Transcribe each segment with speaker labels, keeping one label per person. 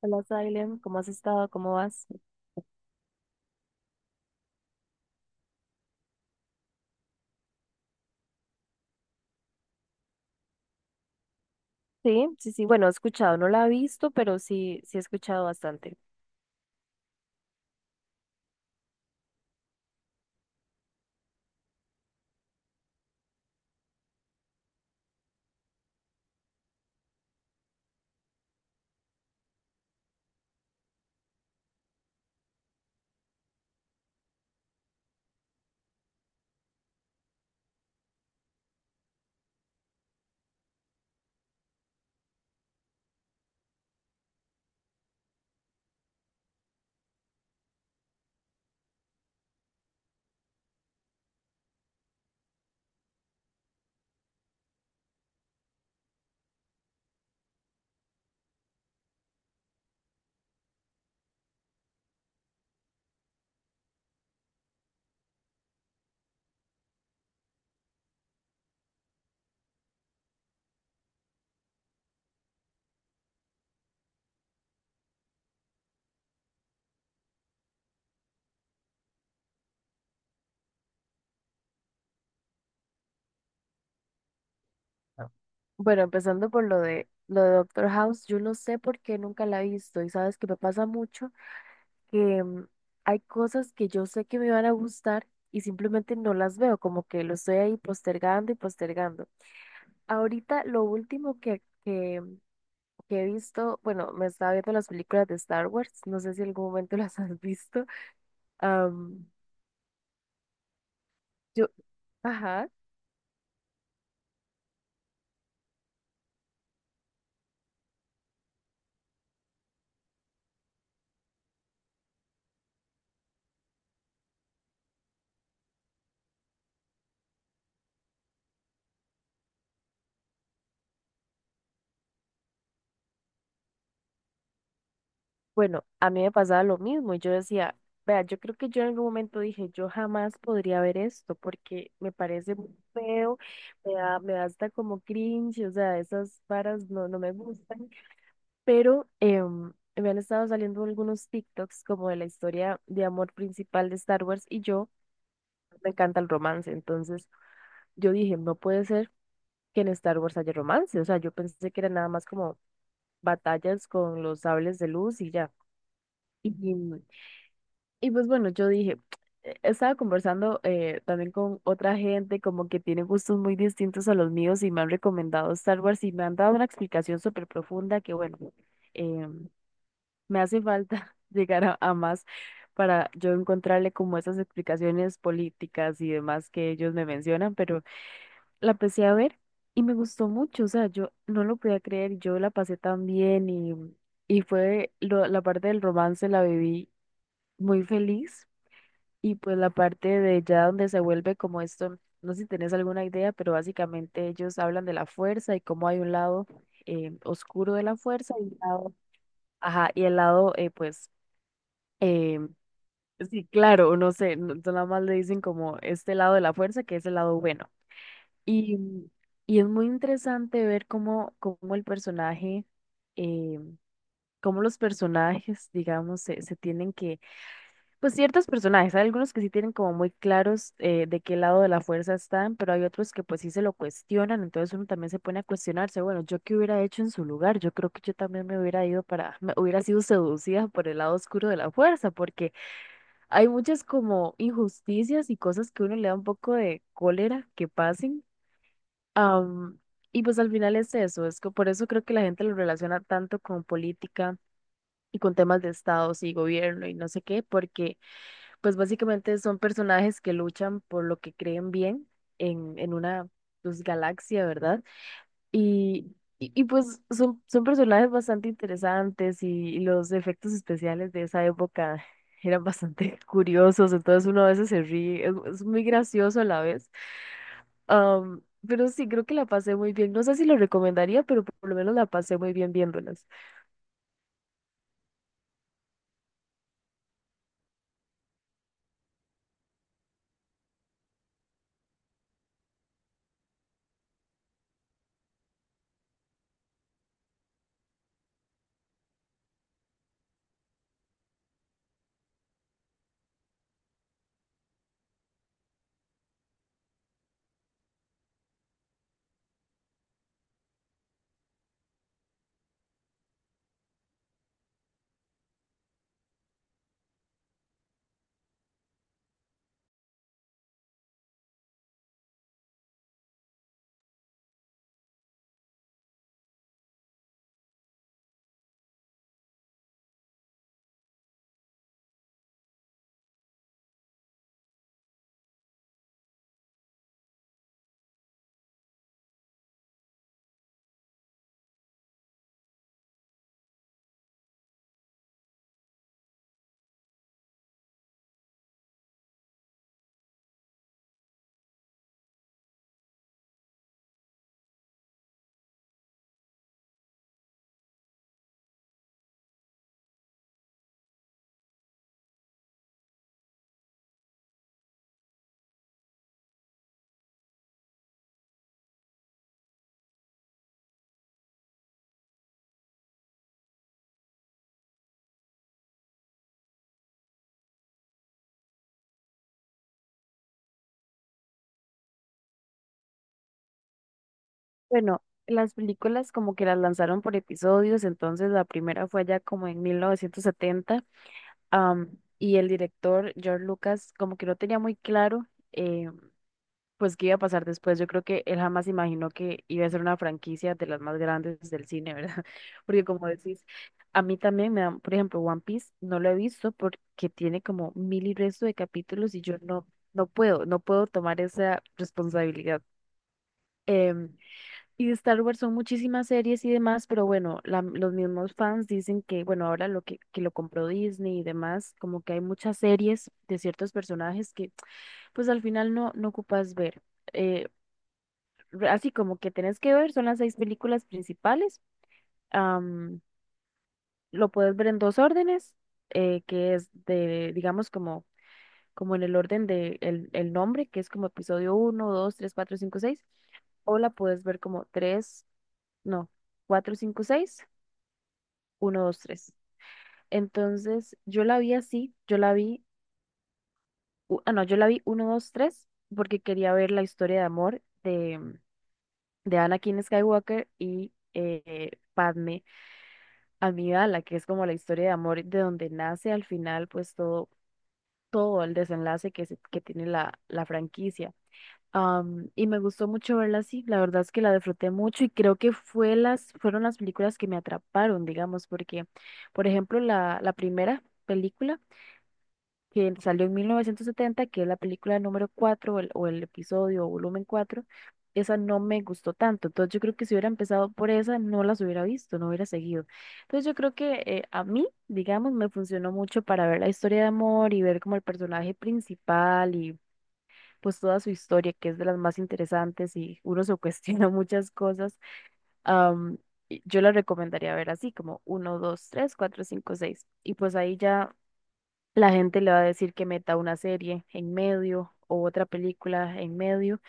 Speaker 1: Hola, Salem, ¿cómo has estado? ¿Cómo vas? Sí, sí, sí, bueno, he escuchado, no la he visto, pero sí, sí he escuchado bastante. Ah. Bueno, empezando por lo de Doctor House, yo no sé por qué nunca la he visto y sabes que me pasa mucho que hay cosas que yo sé que me van a gustar y simplemente no las veo, como que lo estoy ahí postergando y postergando. Ahorita lo último que he visto, bueno, me estaba viendo las películas de Star Wars, no sé si en algún momento las has visto. am, yo, ajá, bueno, a mí me pasaba lo mismo y yo decía, vea, yo creo que yo en algún momento dije, yo jamás podría ver esto porque me parece muy feo, me da hasta como cringe. O sea, esas varas no, no me gustan, pero me han estado saliendo algunos TikToks como de la historia de amor principal de Star Wars, y yo, me encanta el romance. Entonces yo dije, no puede ser que en Star Wars haya romance. O sea, yo pensé que era nada más como batallas con los sables de luz y ya. Y, y pues bueno, yo dije, estaba conversando también con otra gente como que tiene gustos muy distintos a los míos, y me han recomendado Star Wars, y me han dado una explicación súper profunda que bueno, eh, me hace falta llegar a más para yo encontrarle como esas explicaciones políticas y demás que ellos me mencionan, pero la empecé a ver y me gustó mucho. O sea, yo no lo podía creer, yo la pasé tan bien, y fue la parte del romance, la viví muy feliz. Y pues la parte de ya donde se vuelve como esto, no sé si tenés alguna idea, pero básicamente ellos hablan de la fuerza y cómo hay un lado oscuro de la fuerza y un lado, ajá, y el lado, pues... Eh, Sí, claro, no sé, nada más le dicen como este lado de la fuerza, que es el lado bueno. Y, y es muy interesante ver eh, cómo los personajes, digamos, se tienen que, pues ciertos personajes, hay algunos que sí tienen como muy claros, de qué lado de la fuerza están, pero hay otros que pues sí se lo cuestionan. Entonces uno también se pone a cuestionarse, bueno, ¿yo qué hubiera hecho en su lugar? Yo creo que yo también me hubiera ido para, me hubiera sido seducida por el lado oscuro de la fuerza, porque hay muchas como injusticias y cosas que uno le da un poco de cólera que pasen. Am, y pues al final es eso, es que por eso creo que la gente lo relaciona tanto con política y con temas de estados y gobierno y no sé qué, porque pues básicamente son personajes que luchan por lo que creen bien en una, pues, galaxia, ¿verdad? Y pues son personajes bastante interesantes, y los efectos especiales de esa época eran bastante curiosos, entonces uno a veces se ríe, es muy gracioso a la vez. Am, pero sí, creo que la pasé muy bien. No sé si lo recomendaría, pero por lo menos la pasé muy bien viéndolas. Bueno, las películas como que las lanzaron por episodios, entonces la primera fue allá como en 1970. Y el director George Lucas como que no tenía muy claro, eh, pues qué iba a pasar después. Yo creo que él jamás imaginó que iba a ser una franquicia de las más grandes del cine, ¿verdad? Porque como decís, a mí también me dan, por ejemplo, One Piece no lo he visto porque tiene como mil y resto de capítulos, y yo no, no puedo, no puedo tomar esa responsabilidad. Em, y de Star Wars son muchísimas series y demás, pero bueno, los mismos fans dicen que, bueno, ahora lo que lo compró Disney y demás, como que hay muchas series de ciertos personajes que pues al final no, no ocupas ver. Eh, así como que tenés que ver, son las seis películas principales. am, lo puedes ver en dos órdenes, que es de, digamos, como en el orden de el nombre, que es como episodio uno 2 3 4 5 seis. O la puedes ver como tres, no, cuatro cinco seis, uno dos tres. Entonces, yo la vi así, yo la vi, no, yo la vi uno 2 tres, porque quería ver la historia de amor de, Anakin Skywalker y, Padme Amidala, que es como la historia de amor de donde nace al final, pues todo, todo el desenlace que tiene la, la franquicia. Y me gustó mucho verla así, la verdad es que la disfruté mucho, y creo que fue las, fueron las películas que me atraparon, digamos, porque, por ejemplo, la primera película que salió en 1970, que es la película número cuatro, o el episodio o volumen cuatro, esa no me gustó tanto. Entonces yo creo que si hubiera empezado por esa, no las hubiera visto, no hubiera seguido. Entonces yo creo que, a mí, digamos, me funcionó mucho para ver la historia de amor y ver como el personaje principal y pues toda su historia, que es de las más interesantes, y uno se cuestiona muchas cosas. am, y yo la recomendaría ver así, como uno 2 3 4 5 seis. Y pues ahí ya la gente le va a decir que meta una serie en medio o otra película en medio,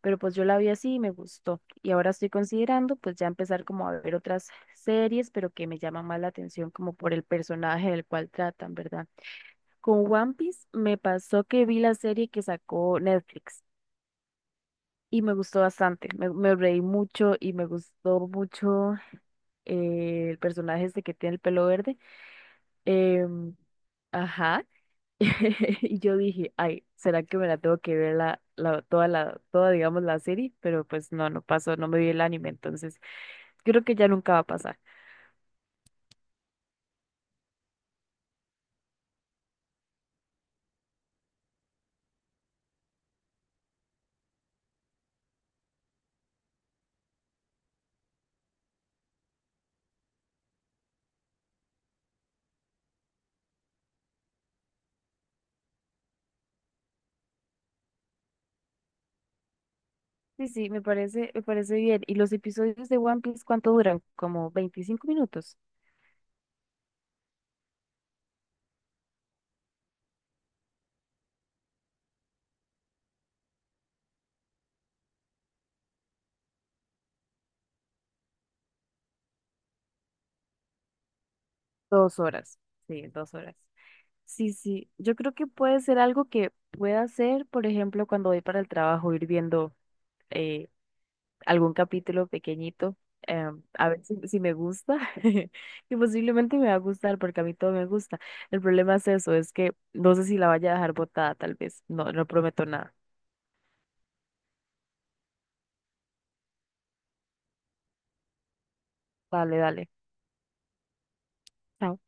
Speaker 1: pero pues yo la vi así y me gustó. Y ahora estoy considerando pues ya empezar como a ver otras series, pero que me llaman más la atención como por el personaje del cual tratan, ¿verdad? Con One Piece me pasó que vi la serie que sacó Netflix y me gustó bastante. Me reí mucho y me gustó mucho, el personaje este que tiene el pelo verde. Em, ajá. Y yo dije, ay, ¿será que me la tengo que ver toda la, toda, digamos, la serie? Pero pues no, no pasó, no me vi el anime, entonces creo que ya nunca va a pasar. Sí, sí, me parece bien. ¿Y los episodios de One Piece cuánto duran? ¿Como 25 minutos? 2 horas. Sí, 2 horas. Sí, sí, yo creo que puede ser algo que pueda hacer, por ejemplo, cuando voy para el trabajo, ir viendo, eh, algún capítulo pequeñito, eh, a ver si me gusta, y posiblemente me va a gustar porque a mí todo me gusta. El problema es eso, es que no sé si la vaya a dejar botada, tal vez. No, no prometo nada. Dale, dale. Chao.